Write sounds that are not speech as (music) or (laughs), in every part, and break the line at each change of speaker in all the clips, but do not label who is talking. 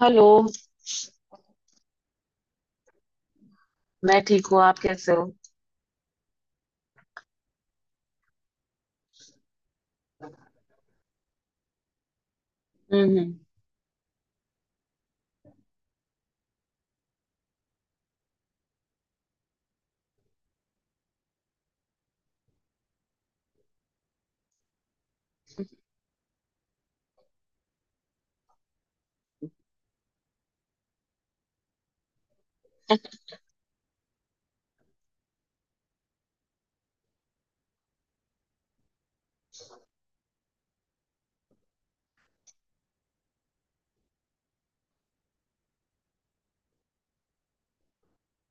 Hello. मैं ठीक हूँ, आप कैसे हो? हम्म।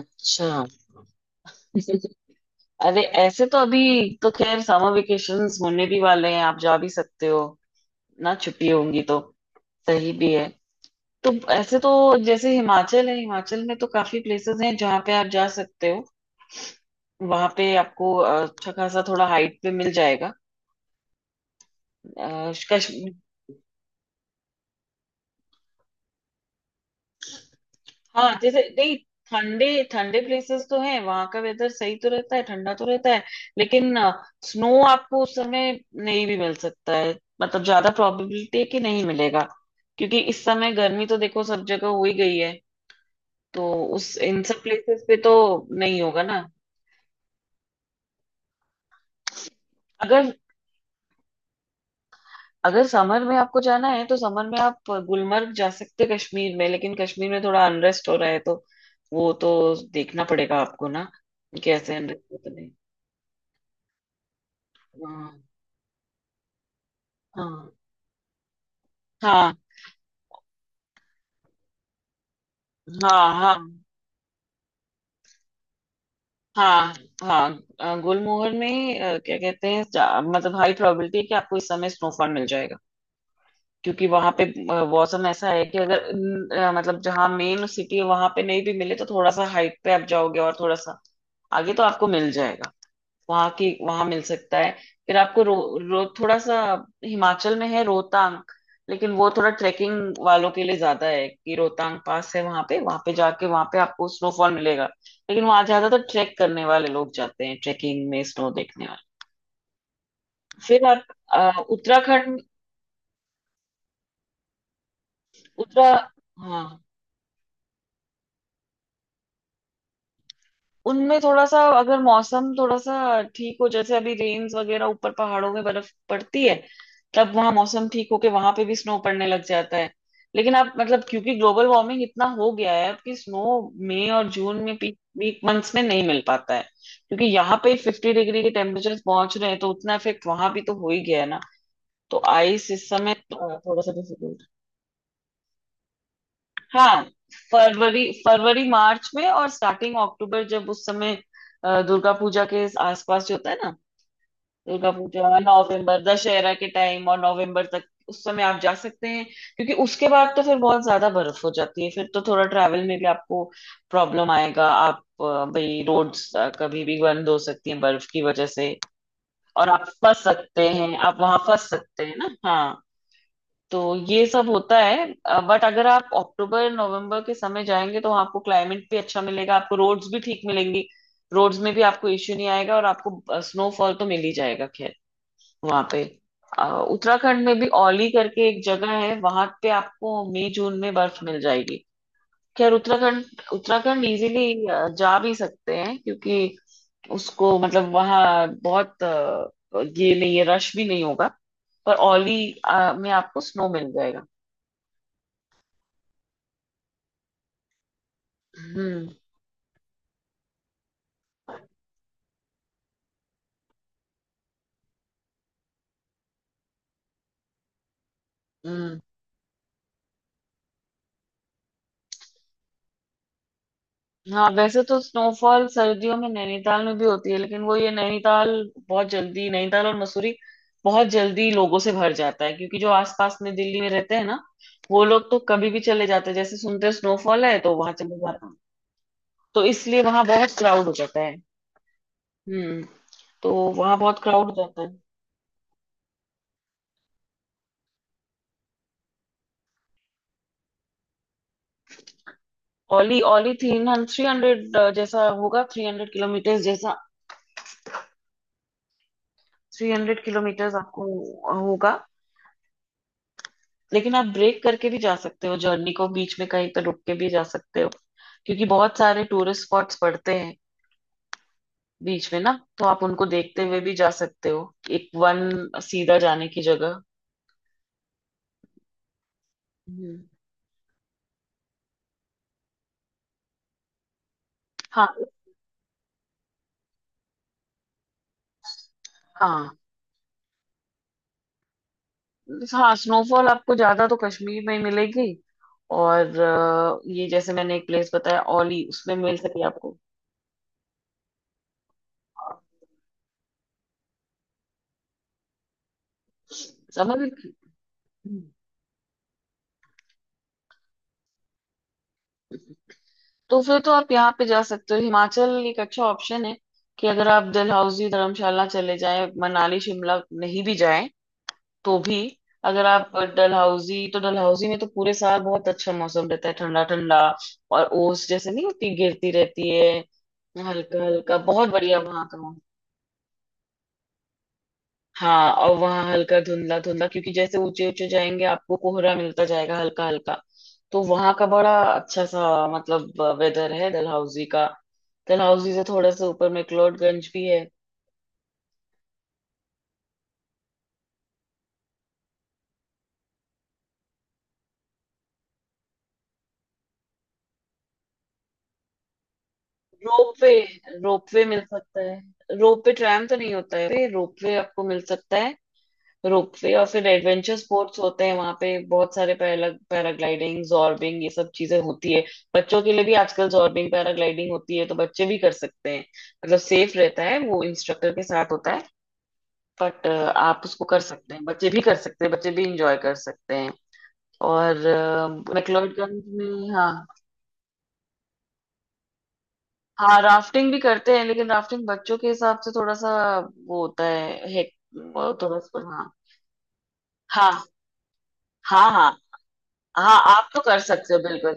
अच्छा। (laughs) अरे ऐसे तो अभी। तो खैर समर वेकेशंस होने भी वाले हैं, आप जा भी सकते हो ना, छुट्टी होंगी तो सही भी है। तो ऐसे तो जैसे हिमाचल है, हिमाचल में तो काफी प्लेसेस हैं जहाँ पे आप जा सकते हो। वहां पे आपको अच्छा खासा थोड़ा हाइट पे मिल जाएगा। कश्मीर। हाँ, जैसे नहीं, ठंडे ठंडे प्लेसेस तो हैं, वहां का वेदर सही तो रहता है, ठंडा तो रहता है। लेकिन स्नो आपको उस समय नहीं भी मिल सकता है। मतलब ज्यादा प्रोबेबिलिटी है कि नहीं मिलेगा। क्योंकि इस समय गर्मी तो देखो सब जगह हो ही गई है, तो उस इन सब प्लेसेस पे तो नहीं होगा ना। अगर अगर समर में आपको जाना है तो समर में आप गुलमर्ग जा सकते हैं कश्मीर में, लेकिन कश्मीर में थोड़ा अनरेस्ट हो रहा है तो वो तो देखना पड़ेगा आपको ना। कैसे अनरेस्ट होता है। हाँ। हाँ। हाँ। हाँ। हाँ। हाँ। हाँ। गुलमोहर में क्या कहते हैं, मतलब हाई प्रोबेबिलिटी है कि आपको इस समय स्नोफॉल मिल जाएगा। क्योंकि वहां पे मौसम ऐसा है कि अगर न, अ, मतलब जहाँ मेन सिटी है वहां पे नहीं भी मिले तो थोड़ा सा हाइट पे आप जाओगे और थोड़ा सा आगे तो आपको मिल जाएगा। वहां की वहां मिल सकता है। फिर आपको रो, रो थोड़ा सा, हिमाचल में है रोहतांग, लेकिन वो थोड़ा ट्रेकिंग वालों के लिए ज्यादा है कि रोहतांग पास है, वहां पे जाके वहां पे आपको स्नोफॉल मिलेगा। लेकिन वहां ज्यादातर ट्रैक करने वाले लोग जाते हैं ट्रेकिंग में, स्नो देखने वाले। फिर आप उत्तराखंड। उत्तरा हाँ। उनमें थोड़ा सा अगर मौसम थोड़ा सा ठीक हो, जैसे अभी रेन्स वगैरह ऊपर पहाड़ों में बर्फ पड़ती है, तब वहां मौसम ठीक होके वहां पे भी स्नो पड़ने लग जाता है। लेकिन आप मतलब क्योंकि ग्लोबल वार्मिंग इतना हो गया है अब कि स्नो मई और जून में पीक पीक मंथ्स में नहीं मिल पाता है। क्योंकि यहाँ पे 50 डिग्री के टेम्परेचर पहुंच रहे हैं, तो उतना इफेक्ट वहां भी तो हो ही गया है ना। तो आइस इस समय थोड़ा सा difficult। हाँ। फरवरी फरवरी मार्च में और स्टार्टिंग अक्टूबर, जब उस समय दुर्गा पूजा के आसपास जो होता है ना। दुर्गा पूजा, नवंबर, दशहरा के टाइम और नवंबर तक उस समय आप जा सकते हैं। क्योंकि उसके बाद तो फिर बहुत ज्यादा बर्फ हो जाती है, फिर तो थोड़ा ट्रैवल में भी आपको प्रॉब्लम आएगा। आप भाई रोड्स कभी भी बंद हो सकती हैं बर्फ की वजह से। और आप फंस सकते हैं, आप वहां फंस सकते हैं ना। हाँ। तो ये सब होता है। बट अगर आप अक्टूबर नवंबर के समय जाएंगे तो आपको क्लाइमेट भी अच्छा मिलेगा, आपको रोड्स भी ठीक मिलेंगी। रोड्स में भी आपको इश्यू नहीं आएगा और आपको स्नोफॉल तो मिल ही जाएगा। खैर, वहां पे अ, उत्तराखंड में भी औली करके एक जगह है, वहां पे आपको मई जून में बर्फ मिल जाएगी। खैर, उत्तराखंड, उत्तराखंड इजीली जा भी सकते हैं। क्योंकि उसको मतलब वहाँ बहुत ये नहीं है, रश भी नहीं होगा। पर औली में आपको स्नो मिल जाएगा। हम्म। हम्म। हाँ वैसे तो स्नोफॉल सर्दियों में नैनीताल में भी होती है, लेकिन वो ये नैनीताल बहुत जल्दी, नैनीताल और मसूरी बहुत जल्दी लोगों से भर जाता है क्योंकि जो आसपास में दिल्ली में रहते हैं ना, वो लोग तो कभी भी चले जाते हैं, जैसे सुनते हैं स्नोफॉल है तो वहां चले जाते हैं। तो इसलिए वहां बहुत क्राउड हो जाता है। हम्म। तो वहां बहुत क्राउड हो जाता है। ओली ओली थ्री 300 जैसा होगा, 300 किलोमीटर जैसा, 300 किलोमीटर आपको होगा। लेकिन आप ब्रेक करके भी जा सकते हो, जर्नी को बीच में कहीं तो रुक के भी जा सकते हो, क्योंकि बहुत सारे टूरिस्ट स्पॉट्स पड़ते हैं बीच में ना। तो आप उनको देखते हुए भी जा सकते हो, एक वन सीधा जाने की जगह। हम्म। हाँ। हाँ। हाँ। स्नोफॉल आपको ज्यादा तो कश्मीर में ही मिलेगी, और ये जैसे मैंने एक प्लेस बताया ओली, उसमें मिल सके आपको। समझ रहे हो? तो फिर तो आप यहाँ पे जा सकते हो, हिमाचल एक अच्छा ऑप्शन है कि अगर आप डलहौजी धर्मशाला चले जाएं, मनाली शिमला नहीं भी जाएं तो भी, अगर आप डलहौजी, तो डलहौजी में तो पूरे साल बहुत अच्छा मौसम रहता है, ठंडा ठंडा। और ओस जैसे नहीं होती गिरती रहती है, हल्का हल्का, बहुत बढ़िया वहाँ का। हाँ और वहाँ हल्का धुंधला धुंधला क्योंकि जैसे ऊंचे ऊंचे जाएंगे आपको कोहरा मिलता जाएगा हल्का हल्का। तो वहाँ का बड़ा अच्छा सा मतलब वेदर है डलहौजी का। डलहौजी से थोड़ा सा ऊपर में क्लोडगंज भी है। रोपवे। रोपवे मिल सकता है। रोपवे ट्रैम तो नहीं होता है, रोपवे आपको मिल सकता है। रोपवे और फिर एडवेंचर स्पोर्ट्स होते हैं वहां पे बहुत सारे, पैराग्लाइडिंग, जॉर्बिंग, ये सब चीजें होती है। बच्चों के लिए भी आजकल जॉर्बिंग पैराग्लाइडिंग होती है, तो बच्चे भी कर सकते हैं। मतलब सेफ रहता है, वो इंस्ट्रक्टर के साथ होता है। बट आप उसको कर सकते हैं, बच्चे भी कर सकते हैं, बच्चे भी इंजॉय कर सकते हैं। और मैक्लोडगंज में। हाँ। हाँ, राफ्टिंग भी करते हैं लेकिन राफ्टिंग बच्चों के हिसाब से थोड़ा सा वो होता है थोड़ा सा। हाँ। हाँ। हाँ। हाँ। हाँ, आप तो कर सकते हो बिल्कुल।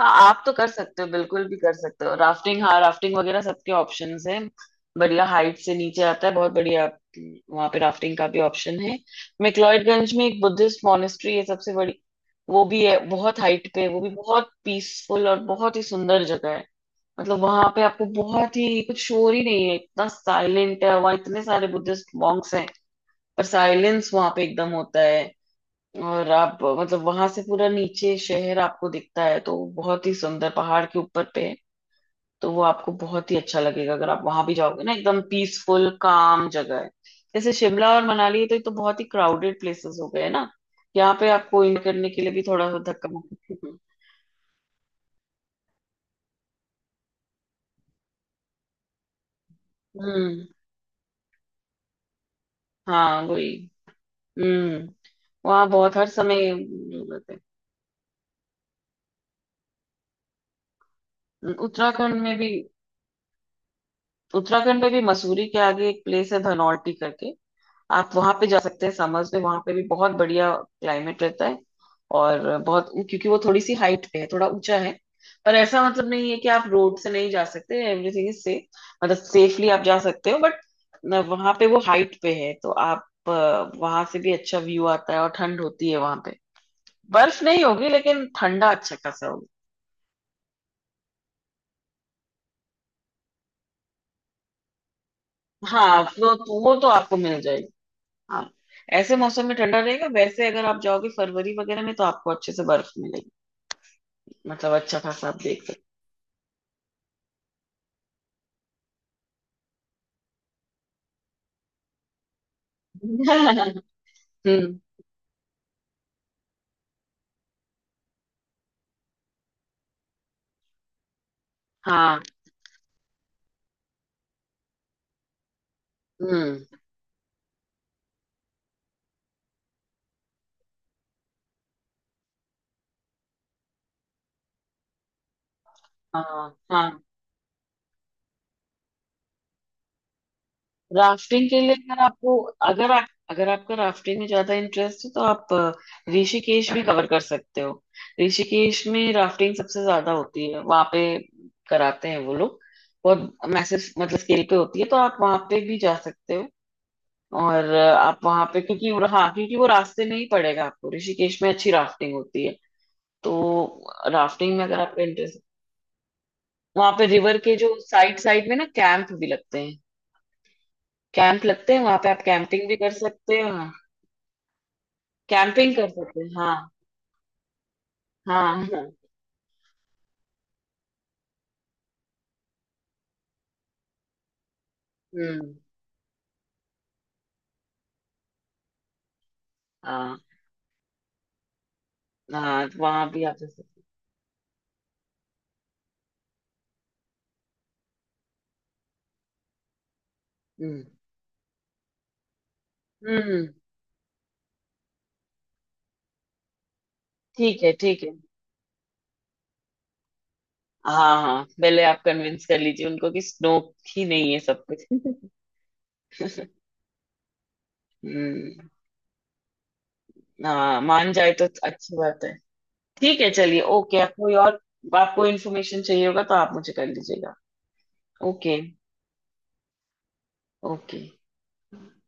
हाँ, आप तो कर सकते हो बिल्कुल, भी कर सकते हो राफ्टिंग। हाँ राफ्टिंग वगैरह सबके ऑप्शंस हैं। बढ़िया हाइट से नीचे आता है, बहुत बढ़िया। वहां पे राफ्टिंग का भी ऑप्शन है। मैक्लॉडगंज में एक बुद्धिस्ट मॉनेस्ट्री है सबसे बड़ी, वो भी है बहुत हाइट पे, वो भी बहुत पीसफुल और बहुत ही सुंदर जगह है। मतलब वहां पे आपको बहुत ही कुछ शोर ही नहीं है, इतना साइलेंट है वहां, इतने सारे बुद्धिस्ट मॉन्क्स हैं, पर साइलेंस वहां पे एकदम होता है। और आप मतलब वहां से पूरा नीचे शहर आपको दिखता है, तो बहुत ही सुंदर पहाड़ के ऊपर पे है, तो वो आपको बहुत ही अच्छा लगेगा अगर आप वहां भी जाओगे ना, एकदम पीसफुल काम जगह है। जैसे शिमला और मनाली है तो ये तो बहुत ही क्राउडेड प्लेसेस हो गए ना, यहाँ पे आपको इन करने के लिए भी थोड़ा सा धक्का मुक्की। हम्म। हाँ वही। हम्म। वहाँ बहुत हर समय लोग रहते हैं। उत्तराखंड में भी, उत्तराखंड में भी मसूरी के आगे एक प्लेस है धनौल्टी करके, आप वहां पे जा सकते हैं समर्स में, वहां पे भी बहुत बढ़िया क्लाइमेट रहता है। और बहुत, क्योंकि वो थोड़ी सी हाइट पे है, थोड़ा ऊंचा है, पर ऐसा मतलब नहीं है कि आप रोड से नहीं जा सकते, एवरीथिंग इज सेफ। मतलब सेफली आप जा सकते हो, बट वहां पे वो हाइट पे है तो आप, वहां से भी अच्छा व्यू आता है और ठंड होती है वहां पे। बर्फ नहीं होगी लेकिन ठंडा अच्छा खासा होगा। हाँ वो तो आपको मिल जाएगी। हाँ ऐसे मौसम में ठंडा रहेगा, वैसे अगर आप जाओगे फरवरी वगैरह में तो आपको अच्छे से बर्फ मिलेगी। मतलब अच्छा खासा आप देख सकते हैं। (laughs) हम्म। हाँ। हम्म। हाँ। हाँ। राफ्टिंग के लिए अगर आपको, अगर आपका राफ्टिंग में ज्यादा इंटरेस्ट है तो आप ऋषिकेश भी कवर कर सकते हो। ऋषिकेश में राफ्टिंग सबसे ज्यादा होती है, वहां पे कराते हैं वो लोग। बहुत मैसेज मतलब स्केल पे होती है, तो आप वहां पे भी जा सकते हो। और आप वहां पे क्योंकि हाँ, क्योंकि वो रास्ते में ही पड़ेगा आपको, ऋषिकेश में अच्छी राफ्टिंग होती है। तो राफ्टिंग में अगर आपका इंटरेस्ट, वहां पे रिवर के जो साइड साइड में ना कैंप भी लगते हैं, कैंप लगते हैं वहां पे, आप कैंपिंग भी कर सकते हो। कैंपिंग कर सकते हैं। हाँ। हाँ। हाँ। हम्म। हाँ। हाँ वहां भी आप जा सकते हैं। हम्म। हम्म। ठीक है। ठीक है। हाँ हाँ, पहले आप कन्विंस कर लीजिए उनको कि स्नो ही नहीं है सब कुछ। (laughs) हम्म। हाँ, मान जाए तो अच्छी बात है। ठीक है, चलिए। ओके। आप कोई और आपको इन्फॉर्मेशन चाहिए होगा तो आप मुझे कर लीजिएगा। ओके। ओके।